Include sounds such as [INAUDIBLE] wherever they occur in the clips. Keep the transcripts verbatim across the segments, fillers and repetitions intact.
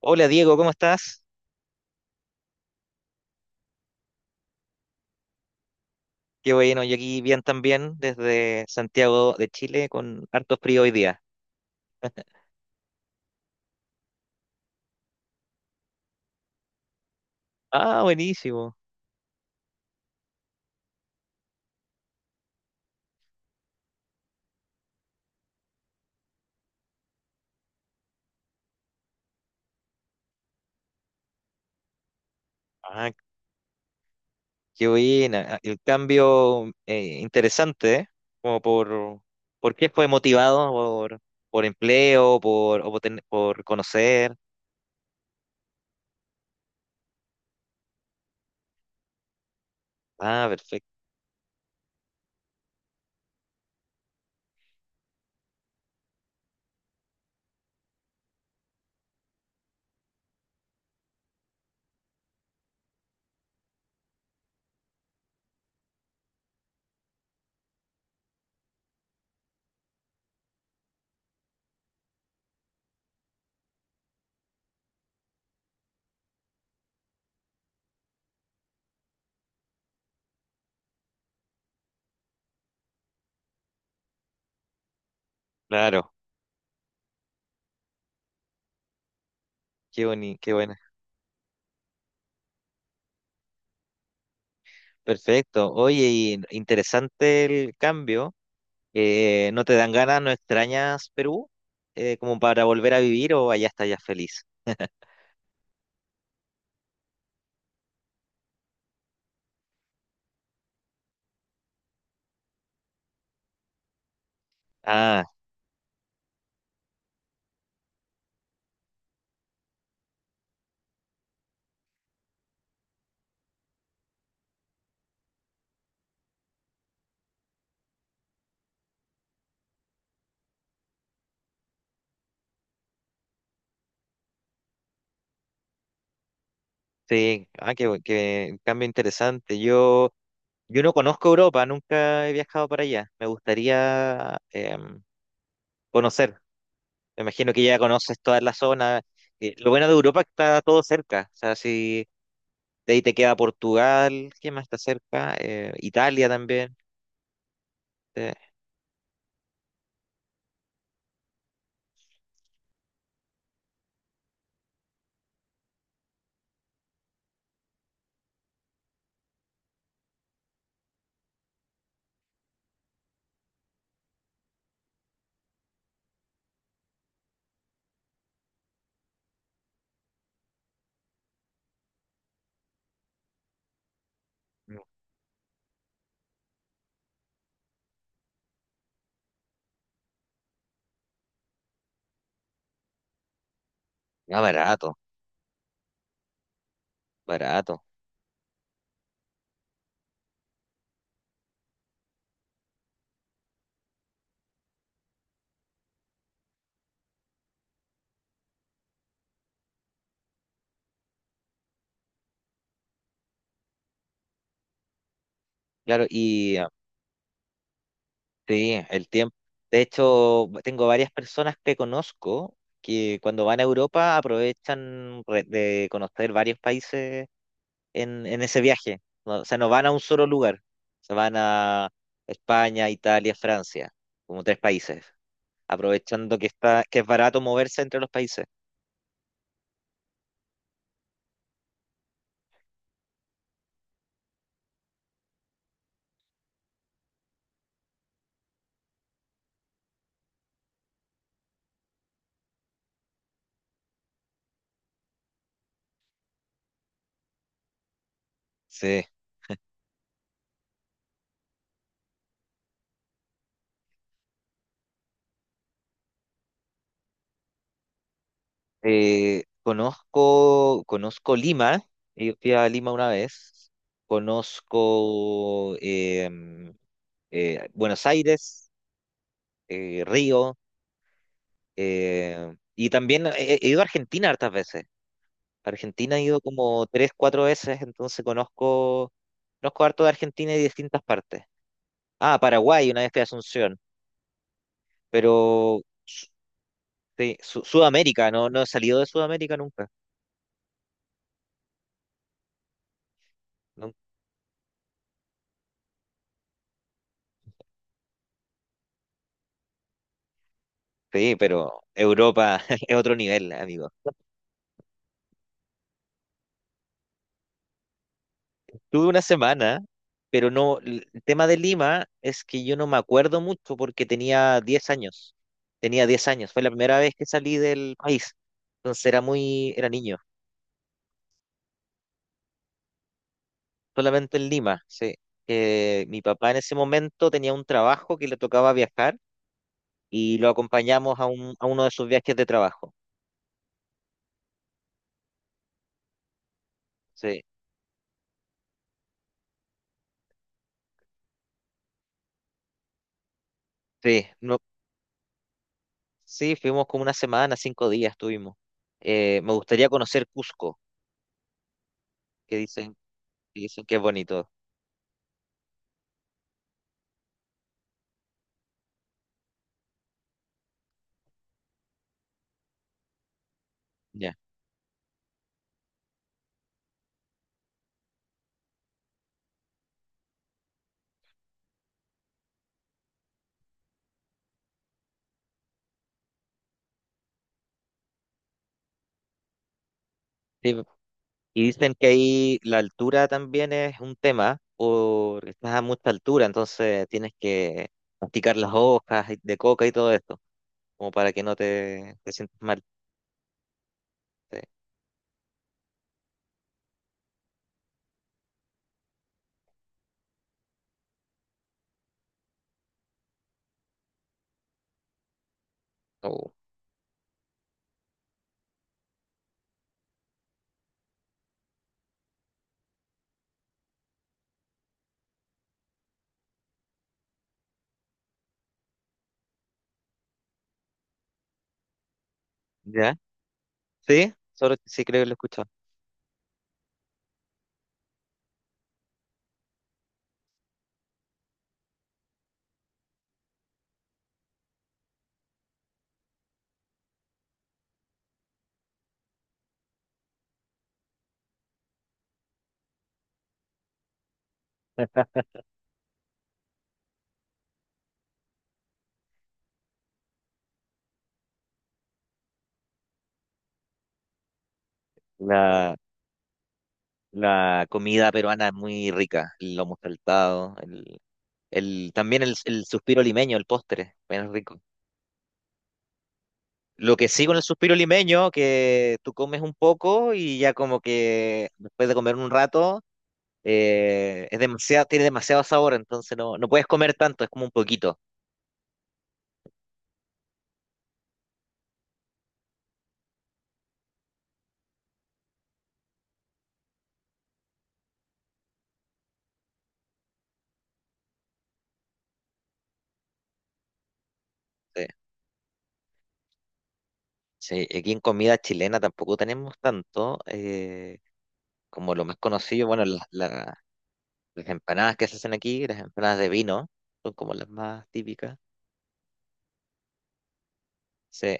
Hola Diego, ¿cómo estás? Qué bueno, yo aquí bien también desde Santiago de Chile con harto frío hoy día. Ah, buenísimo. Ah, qué buena. Ah, El cambio eh, interesante, ¿eh? Como por, ¿Por qué fue motivado? ¿Por, por empleo? ¿Por, o por, ten- por conocer? Ah, perfecto. Claro, qué boni, qué buena. Perfecto. Oye, y interesante el cambio. Eh, ¿no te dan ganas? ¿No extrañas Perú? Eh, ¿como para volver a vivir o allá estás ya feliz? Ah, sí, ah, qué, bu- qué cambio interesante. Yo, yo no conozco Europa, nunca he viajado para allá. Me gustaría em, conocer. Me imagino que ya conoces toda la zona. Eh, lo bueno de Europa es que está todo cerca. O sea, si de ahí te queda Portugal, ¿qué más está cerca? Eh, Italia también. Eh, ah, barato, barato. Claro, y sí, el tiempo. De hecho, tengo varias personas que conozco que cuando van a Europa aprovechan re- de conocer varios países en, en ese viaje. No- o sea, no van a un solo lugar. Se van a España, Italia, Francia, como tres países, aprovechando que está, que es barato moverse entre los países. Sí. Eh, conozco, conozco Lima. Yo fui a Lima una vez. Conozco em, eh, Buenos Aires. eh, Río, eh, y también he, he ido a Argentina hartas veces. Argentina he ido como tres, cuatro veces, entonces conozco, conozco harto de Argentina y distintas partes. Ah, Paraguay, una vez fui a Asunción, pero sí, Su- Sudamérica, no, no he salido de Sudamérica nunca. Nun- Sí, pero Europa [LAUGHS] es otro nivel, amigo. Tuve una semana, pero no, l- el tema de Lima es que yo no me acuerdo mucho porque tenía diez años. Tenía diez años, fue la primera vez que salí del país. Entonces era muy, era niño, solamente en Lima, sí. Eh, mi papá en ese momento tenía un trabajo que le tocaba viajar y lo acompañamos a, un, a uno de sus viajes de trabajo. Sí, sí, no, sí, fuimos como una semana, cinco días estuvimos. Eh, me gustaría conocer Cusco, que dicen, que dicen que es bonito. Ya. Sí, y dicen que ahí la altura también es un tema, porque estás a mucha altura, entonces tienes que masticar las hojas y- de coca y todo esto, como para que no te, te sientas mal. Sí. Oh. ¿Ya? Sí, solo sí creo que lo he escuchado. La, la comida peruana es muy rica, el lomo saltado, el, el, también el, el suspiro limeño, el postre, bien rico. Lo que sí con el suspiro limeño, que tú comes un poco y ya como que después de comer un rato eh, es demasiado, tiene demasiado sabor, entonces no, no puedes comer tanto, es como un poquito. Sí, sí, aquí en comida chilena tampoco tenemos tanto, eh, como lo más conocido, bueno, la- la- las empanadas que se hacen aquí, las empanadas de vino, son como las más típicas. Sí,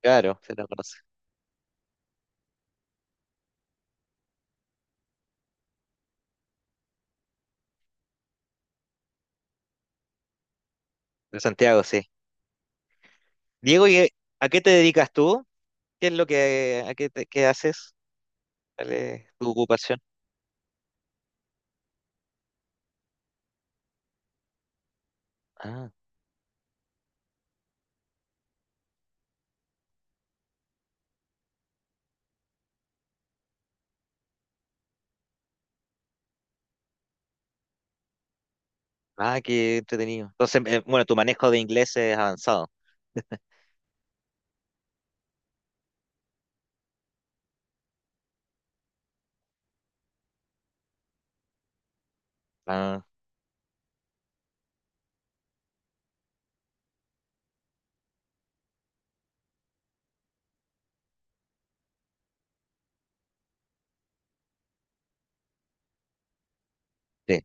claro, se las conoce. De Santiago, sí. Diego, ¿y a qué te dedicas tú? ¿Qué es lo que, a qué, te- qué haces? ¿Cuál es tu ocupación? Ah, ah, qué entretenido. Entonces, eh, bueno, tu manejo de inglés es avanzado. Ah, sí.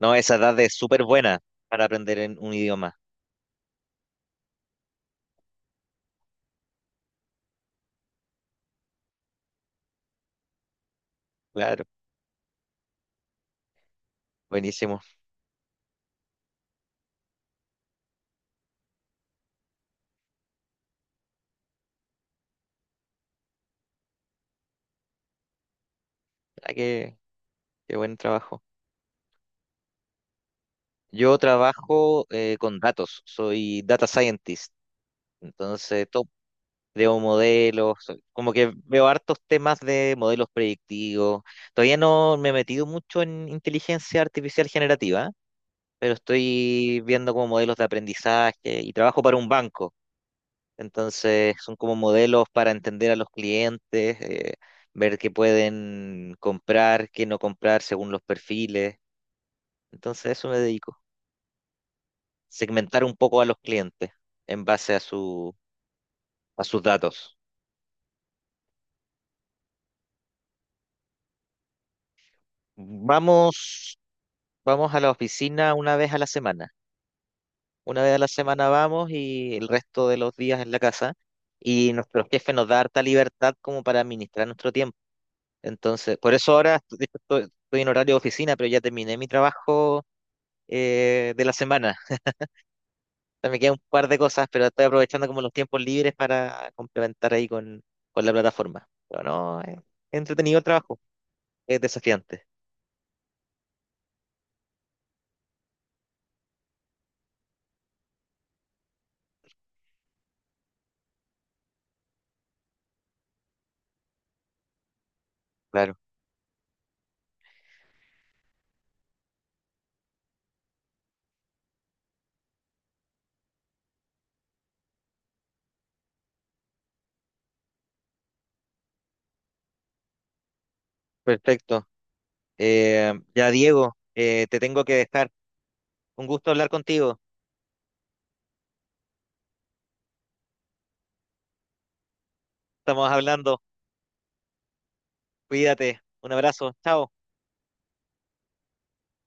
No, esa edad es súper buena para aprender en un idioma. Claro, buenísimo. Ah, qué, qué buen trabajo. Yo trabajo eh, con datos, soy data scientist, entonces to- creo modelos, soy- como que veo hartos temas de modelos predictivos. Todavía no me he metido mucho en inteligencia artificial generativa, pero estoy viendo como modelos de aprendizaje y trabajo para un banco. Entonces, son como modelos para entender a los clientes, eh, ver qué pueden comprar, qué no comprar según los perfiles. Entonces, a eso me dedico. Segmentar un poco a los clientes en base a su, a sus datos. Vamos, vamos a la oficina una vez a la semana. Una vez a la semana vamos y el resto de los días en la casa. Y nuestro jefe nos da harta libertad como para administrar nuestro tiempo. Entonces, por eso ahora de hecho, estoy, estoy en horario de oficina, pero ya terminé mi trabajo eh, de la semana. O sea, me quedan un par de cosas, pero estoy aprovechando como los tiempos libres para complementar ahí con, con la plataforma. Pero no, es entretenido el trabajo, es desafiante. Claro, perfecto. Eh, ya, Diego, eh, te tengo que dejar. Un gusto hablar contigo. Estamos hablando. Cuídate. Un abrazo. Chao.